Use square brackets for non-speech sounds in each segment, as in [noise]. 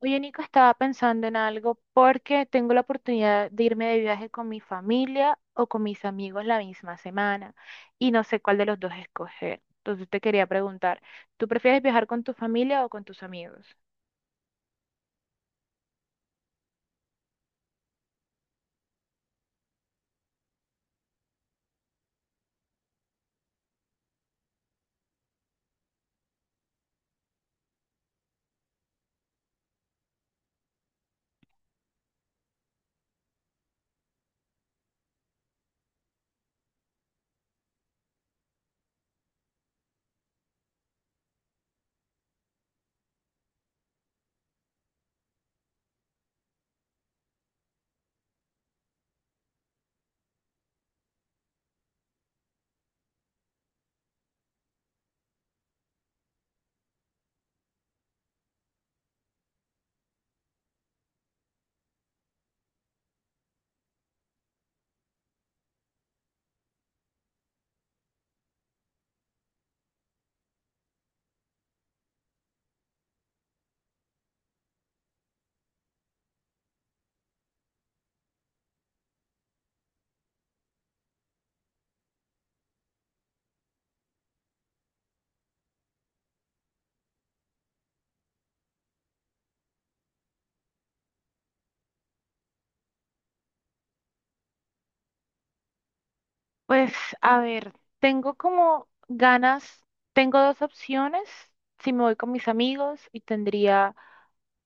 Oye, Nico, estaba pensando en algo porque tengo la oportunidad de irme de viaje con mi familia o con mis amigos la misma semana y no sé cuál de los dos escoger. Entonces te quería preguntar, ¿tú prefieres viajar con tu familia o con tus amigos? Pues a ver, tengo como ganas, tengo 2 opciones, si me voy con mis amigos y tendría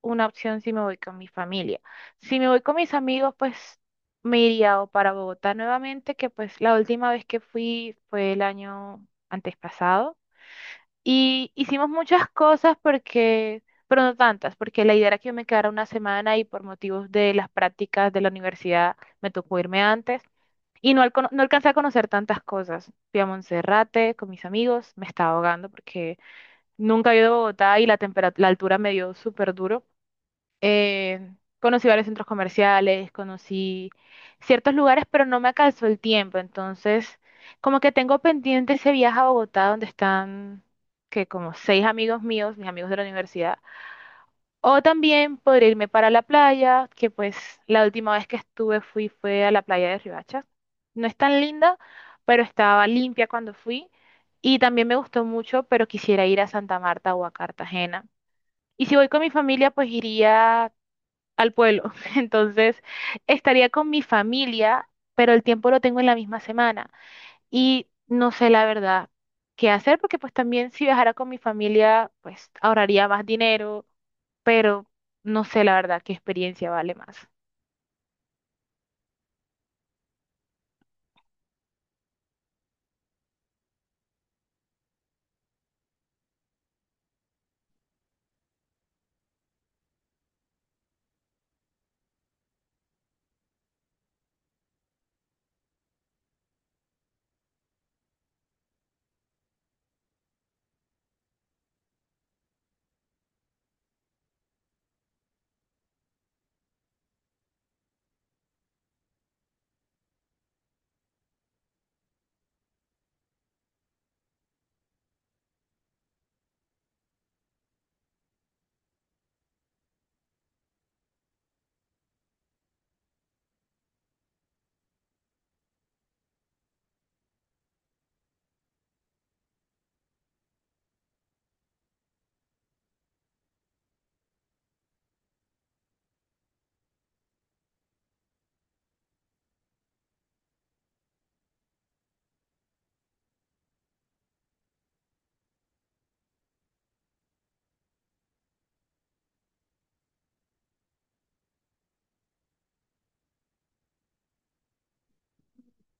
una opción si me voy con mi familia. Si me voy con mis amigos, pues me iría o para Bogotá nuevamente, que pues la última vez que fui fue el año antes pasado. Y hicimos muchas cosas porque, pero no tantas, porque la idea era que yo me quedara una semana y por motivos de las prácticas de la universidad me tocó irme antes. Y no, no alcancé a conocer tantas cosas. Fui a Monserrate con mis amigos, me estaba ahogando porque nunca he ido a Bogotá y la la altura me dio súper duro. Conocí varios centros comerciales, conocí ciertos lugares, pero no me alcanzó el tiempo. Entonces, como que tengo pendiente ese viaje a Bogotá donde están, que como 6 amigos míos, mis amigos de la universidad, o también podría irme para la playa, que pues la última vez que estuve fui fue a la playa de Riohacha. No es tan linda, pero estaba limpia cuando fui. Y también me gustó mucho, pero quisiera ir a Santa Marta o a Cartagena. Y si voy con mi familia, pues iría al pueblo. [laughs] Entonces, estaría con mi familia, pero el tiempo lo tengo en la misma semana y no sé la verdad qué hacer, porque pues también si viajara con mi familia, pues ahorraría más dinero, pero no sé la verdad qué experiencia vale más.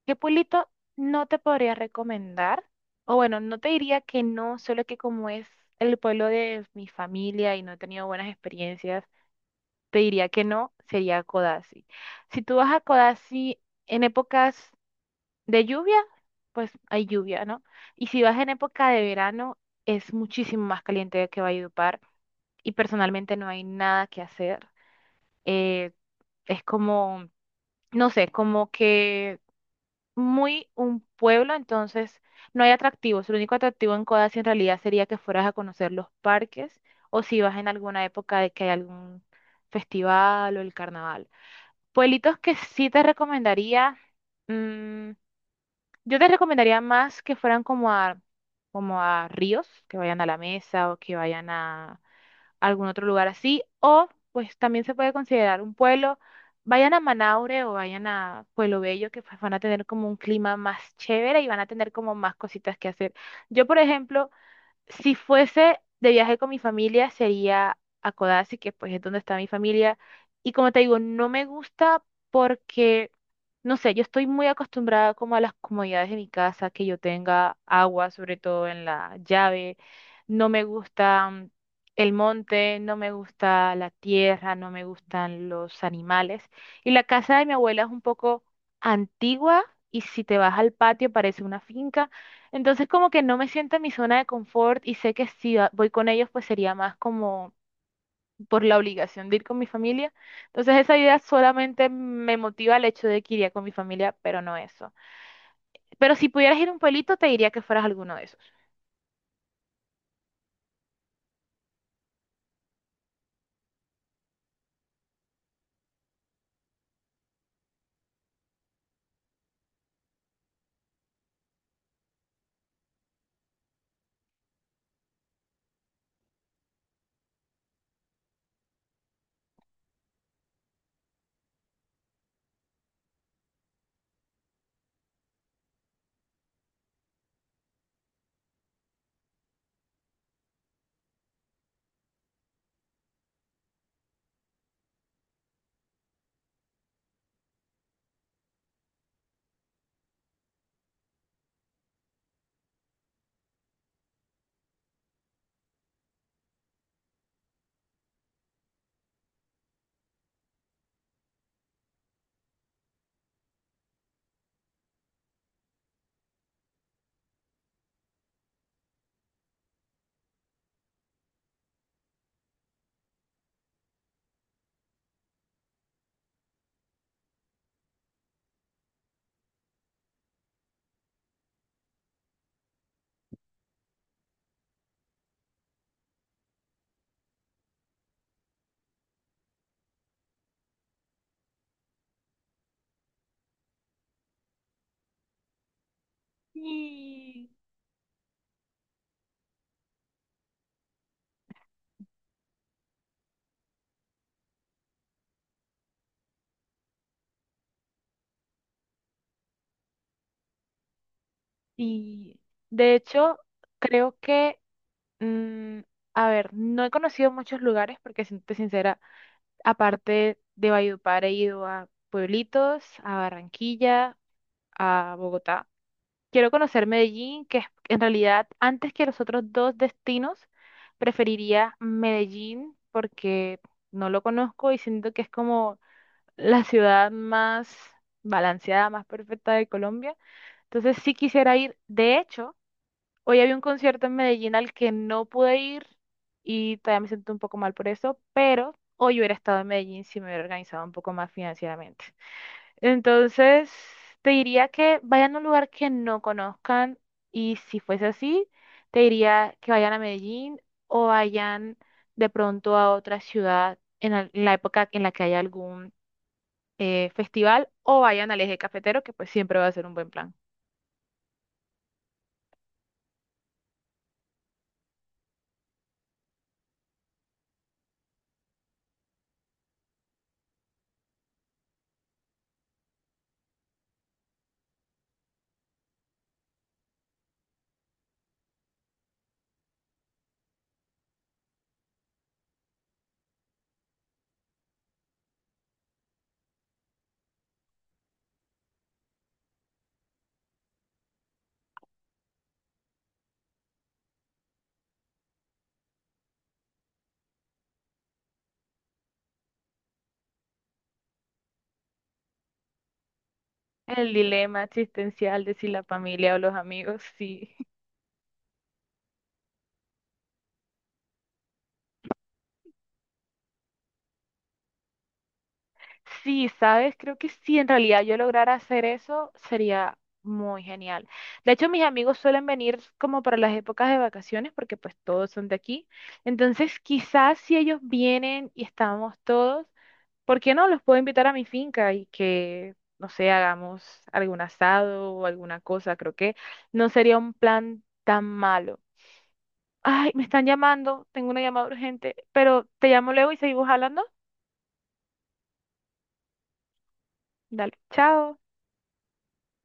¿Qué pueblito no te podría recomendar? O bueno, no te diría que no, solo que como es el pueblo de mi familia y no he tenido buenas experiencias, te diría que no, sería Codazzi. Si tú vas a Codazzi en épocas de lluvia, pues hay lluvia, ¿no? Y si vas en época de verano, es muchísimo más caliente que Valledupar y personalmente no hay nada que hacer. Eh, es como, no sé, como que muy un pueblo, entonces no hay atractivos. El único atractivo en Codazzi en realidad sería que fueras a conocer los parques o si vas en alguna época de que hay algún festival o el carnaval. Pueblitos que sí te recomendaría. mm, Yo te recomendaría más que fueran como a, como a ríos, que vayan a la mesa o que vayan a algún otro lugar así, o pues también se puede considerar un pueblo, vayan a Manaure o vayan a Pueblo Bello, que pues van a tener como un clima más chévere y van a tener como más cositas que hacer. Yo, por ejemplo, si fuese de viaje con mi familia, sería a Codazzi, que pues es donde está mi familia. Y como te digo, no me gusta porque, no sé, yo estoy muy acostumbrada como a las comodidades de mi casa, que yo tenga agua, sobre todo en la llave. No me gusta el monte, no me gusta la tierra, no me gustan los animales. Y la casa de mi abuela es un poco antigua y si te vas al patio parece una finca. Entonces como que no me siento en mi zona de confort y sé que si voy con ellos pues sería más como por la obligación de ir con mi familia. Entonces esa idea solamente me motiva el hecho de que iría con mi familia, pero no eso. Pero si pudieras ir a un pueblito te diría que fueras alguno de esos. Sí. Y de hecho creo que, mm, a ver, no he conocido muchos lugares porque siento sincera, aparte de Valledupar he ido a pueblitos, a Barranquilla, a Bogotá. Quiero conocer Medellín, que en realidad antes que los otros 2 destinos, preferiría Medellín porque no lo conozco y siento que es como la ciudad más balanceada, más perfecta de Colombia. Entonces sí quisiera ir. De hecho, hoy había un concierto en Medellín al que no pude ir y todavía me siento un poco mal por eso, pero hoy hubiera estado en Medellín si me hubiera organizado un poco más financieramente. Entonces, te diría que vayan a un lugar que no conozcan y si fuese así, te diría que vayan a Medellín o vayan de pronto a otra ciudad en en la época en la que haya algún festival o vayan al Eje Cafetero, que pues siempre va a ser un buen plan. El dilema existencial de si la familia o los amigos, sí. Sí, sabes, creo que si en realidad yo lograra hacer eso, sería muy genial. De hecho, mis amigos suelen venir como para las épocas de vacaciones, porque pues todos son de aquí. Entonces, quizás si ellos vienen y estamos todos, ¿por qué no los puedo invitar a mi finca y que, no sé, hagamos algún asado o alguna cosa? Creo que no sería un plan tan malo. Ay, me están llamando, tengo una llamada urgente, pero te llamo luego y seguimos hablando. Dale, chao.